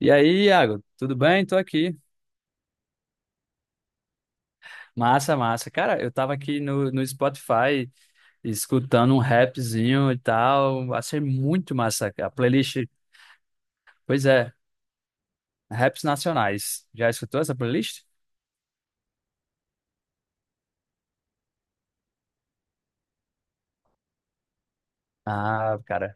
E aí, Iago, tudo bem? Tô aqui. Massa, massa. Cara, eu tava aqui no Spotify escutando um rapzinho e tal. Achei muito massa a playlist. Pois é, raps nacionais. Já escutou essa playlist? Ah, cara.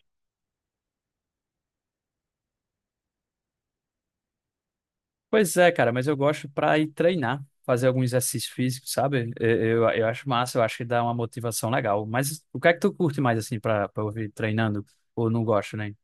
Pois é, cara, mas eu gosto pra ir treinar, fazer algum exercício físico, sabe? Eu acho massa, eu acho que dá uma motivação legal. Mas o que é que tu curte mais, assim, pra ouvir treinando? Ou não gosto, né?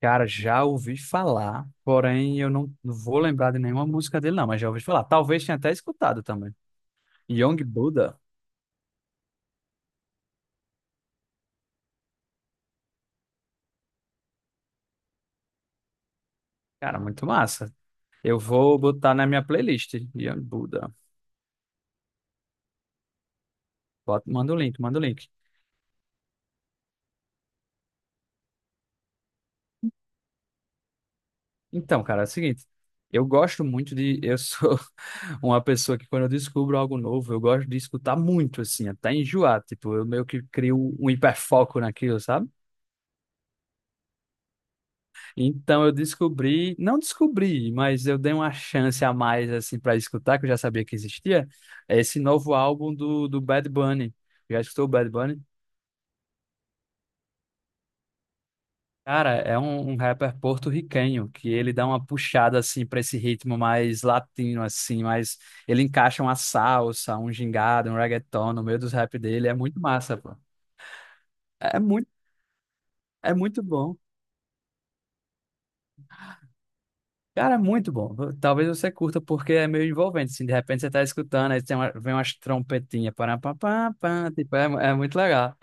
Cara, já ouvi falar, porém eu não vou lembrar de nenhuma música dele, não, mas já ouvi falar. Talvez tenha até escutado também. Young Buddha, cara, muito massa. Eu vou botar na minha playlist, Young Buddha. Bota, manda o link, manda o link. Então, cara, é o seguinte, eu gosto muito de. Eu sou uma pessoa que quando eu descubro algo novo, eu gosto de escutar muito, assim, até enjoar. Tipo, eu meio que crio um hiperfoco naquilo, sabe? Então eu descobri, não descobri, mas eu dei uma chance a mais assim para escutar, que eu já sabia que existia, é esse novo álbum do Bad Bunny. Já escutou o Bad Bunny? Cara, é um rapper porto-riquenho que ele dá uma puxada assim para esse ritmo mais latino assim, mas ele encaixa uma salsa, um gingado, um reggaeton no meio dos rap dele, é muito massa, pô. É muito, é muito bom. Cara, muito bom. Talvez você curta porque é meio envolvente. Assim, de repente você tá escutando, aí vem umas trompetinhas, para pá, pá, pá, tipo, é muito legal.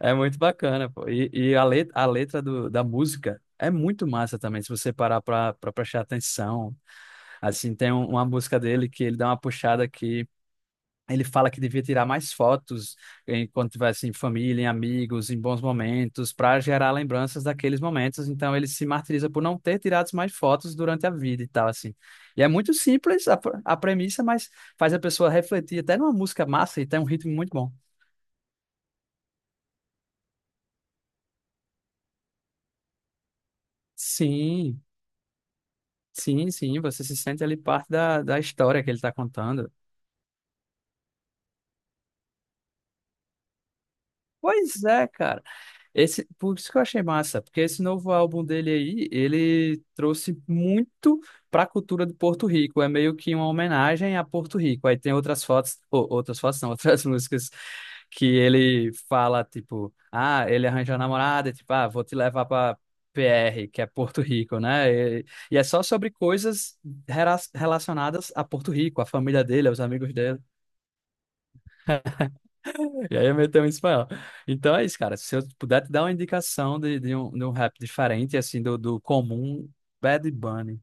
É muito bacana, pô. E a letra da música é muito massa também, se você parar pra prestar atenção. Assim, uma música dele que ele dá uma puxada aqui. Ele fala que devia tirar mais fotos enquanto tivesse em família, em amigos, em bons momentos, para gerar lembranças daqueles momentos. Então ele se martiriza por não ter tirado mais fotos durante a vida e tal assim. E é muito simples a premissa, mas faz a pessoa refletir até numa música massa e tem um ritmo muito bom. Sim, sim, sim. Você se sente ali parte da história que ele está contando. Pois é, cara. Esse, por isso que eu achei massa, porque esse novo álbum dele aí, ele trouxe muito para a cultura de Porto Rico, é meio que uma homenagem a Porto Rico. Aí tem outras fotos, ou outras fotos não, outras músicas que ele fala, tipo, ah, ele arranjou a namorada, e tipo, ah, vou te levar para PR, que é Porto Rico, né? E, e é só sobre coisas relacionadas a Porto Rico, a família dele, aos amigos dele. E aí eu meto um espanhol. Então é isso, cara. Se eu puder te dar uma indicação de um rap diferente, assim, do comum, Bad Bunny,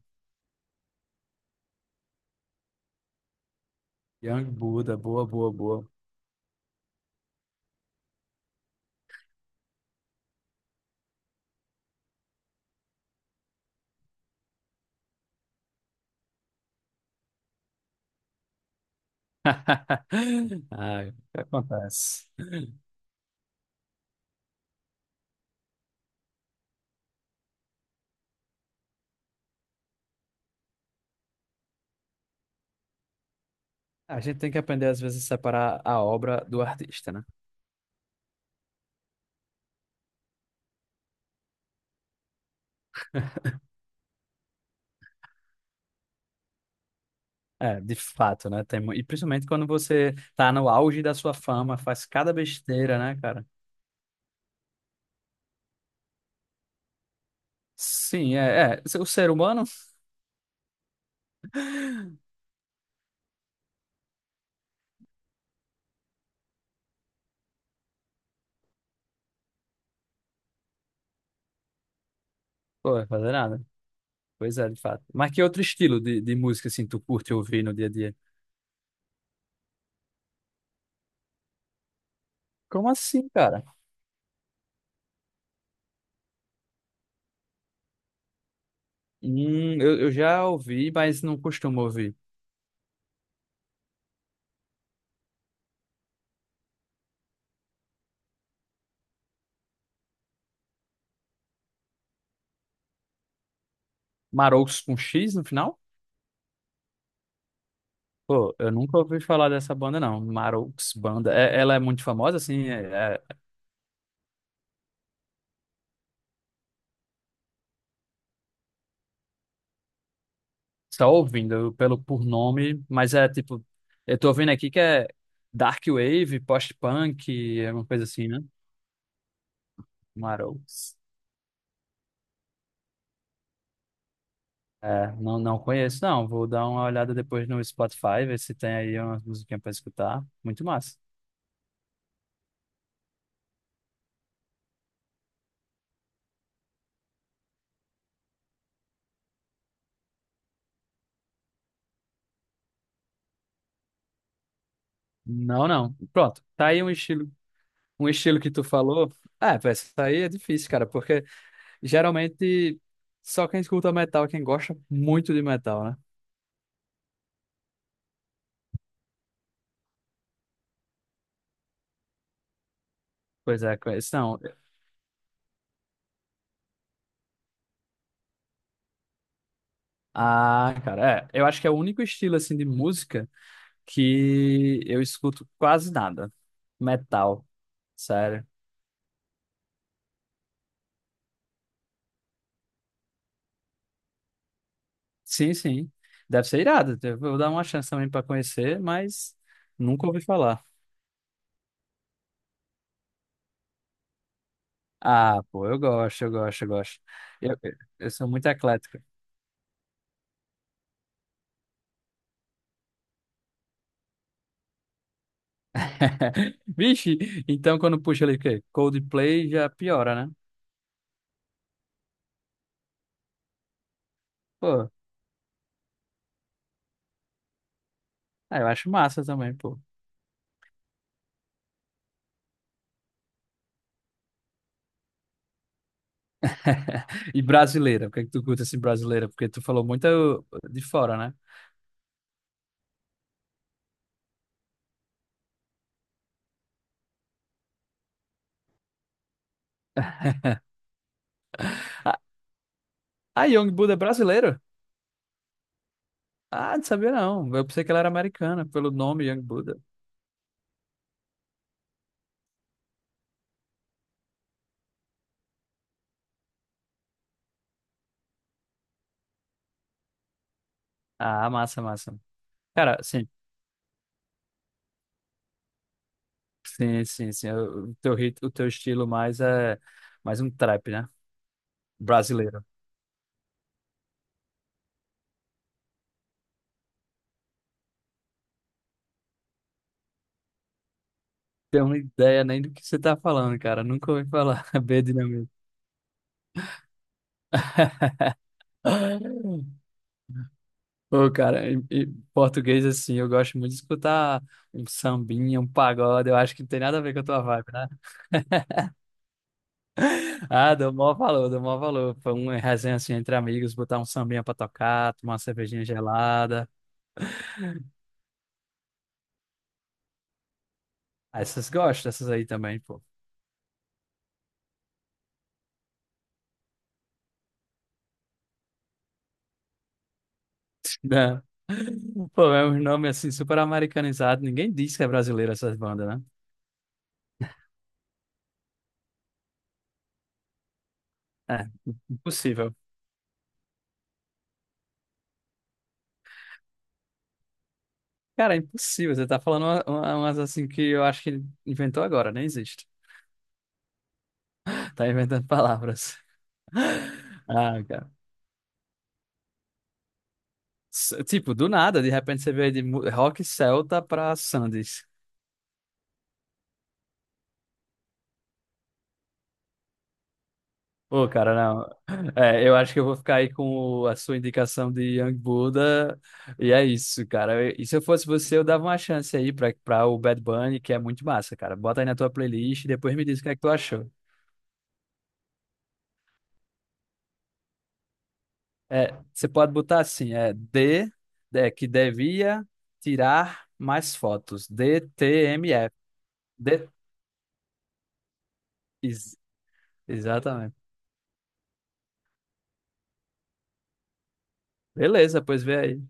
Young Buddha, boa, boa, boa. Ai, o que acontece? A gente tem que aprender, às vezes, a separar a obra do artista, né? É, de fato, né? E principalmente quando você tá no auge da sua fama, faz cada besteira, né, cara? Sim, é, é. O ser humano, pô, vai fazer nada. Pois é, de fato. Mas que outro estilo de música, assim, tu curte ouvir no dia a dia? Como assim, cara? Eu já ouvi, mas não costumo ouvir. Maroucos com X no final? Pô, eu nunca ouvi falar dessa banda, não. Maroucos Banda. É- ela é muito famosa, assim, só ouvindo pelo por nome, mas é tipo, eu tô ouvindo aqui que é Dark Wave, post-punk, é uma coisa assim, né? Maroucos. É, não, não conheço, não. Vou dar uma olhada depois no Spotify, ver se tem aí uma musiquinha pra escutar. Muito massa. Não, não. Pronto. Tá aí um estilo. Um estilo que tu falou, é pô, essa aí é difícil, cara, porque geralmente só quem escuta metal é quem gosta muito de metal, né? Pois é, conheço. Não, ah, cara, é, eu acho que é o único estilo, assim, de música que eu escuto quase nada. Metal, sério. Sim, sim, deve ser irado, eu vou dar uma chance também pra conhecer, mas nunca ouvi falar. Ah, pô, eu gosto, eu gosto, eu gosto. Eu, eu sou muito eclético. Vixe, então quando puxa ali o quê? Coldplay já piora, né? Pô, ah, eu acho massa também, pô. E brasileira, o que é que tu curta assim brasileira? Porque tu falou muito de fora, né? Ah, ah, Young Buddha é brasileiro? Ah, não sabia não. Eu pensei que ela era americana, pelo nome Young Buddha. Ah, massa, massa. Cara, sim, sim, sim, sim. O teu rit, o teu estilo mais é mais um trap, né? Brasileiro. Tenho uma ideia nem do que você tá falando, cara. Nunca ouvi falar. B Ô, cara, em português, assim, eu gosto muito de escutar um sambinha, um pagode. Eu acho que não tem nada a ver com a tua vibe, né? Ah, dou maior valor, dou maior valor. Foi uma resenha, assim, entre amigos, botar um sambinha pra tocar, tomar uma cervejinha gelada. Ah, essas gostam, essas aí também, pô. Né? Pô, é um nome, assim, super americanizado. Ninguém diz que é brasileiro essas bandas, né? É, impossível. Cara, é impossível. Você tá falando umas assim que eu acho que inventou agora, nem existe. Tá inventando palavras. Ah, cara. Tipo, do nada, de repente você veio de rock celta pra Sandes. Pô, cara, não. É, eu acho que eu vou ficar aí com a sua indicação de Young Buddha. E é isso, cara. E se eu fosse você, eu dava uma chance aí pra, pra o Bad Bunny, que é muito massa, cara. Bota aí na tua playlist e depois me diz o que é que tu achou. É, você pode botar assim, é D, é, que devia tirar mais fotos. DTMF. D, ex- exatamente. Beleza, pois vê aí.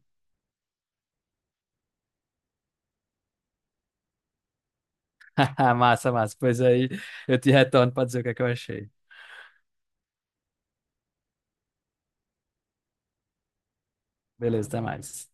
Massa, massa. Pois aí eu te retorno para dizer o que é que eu achei. Beleza, até mais.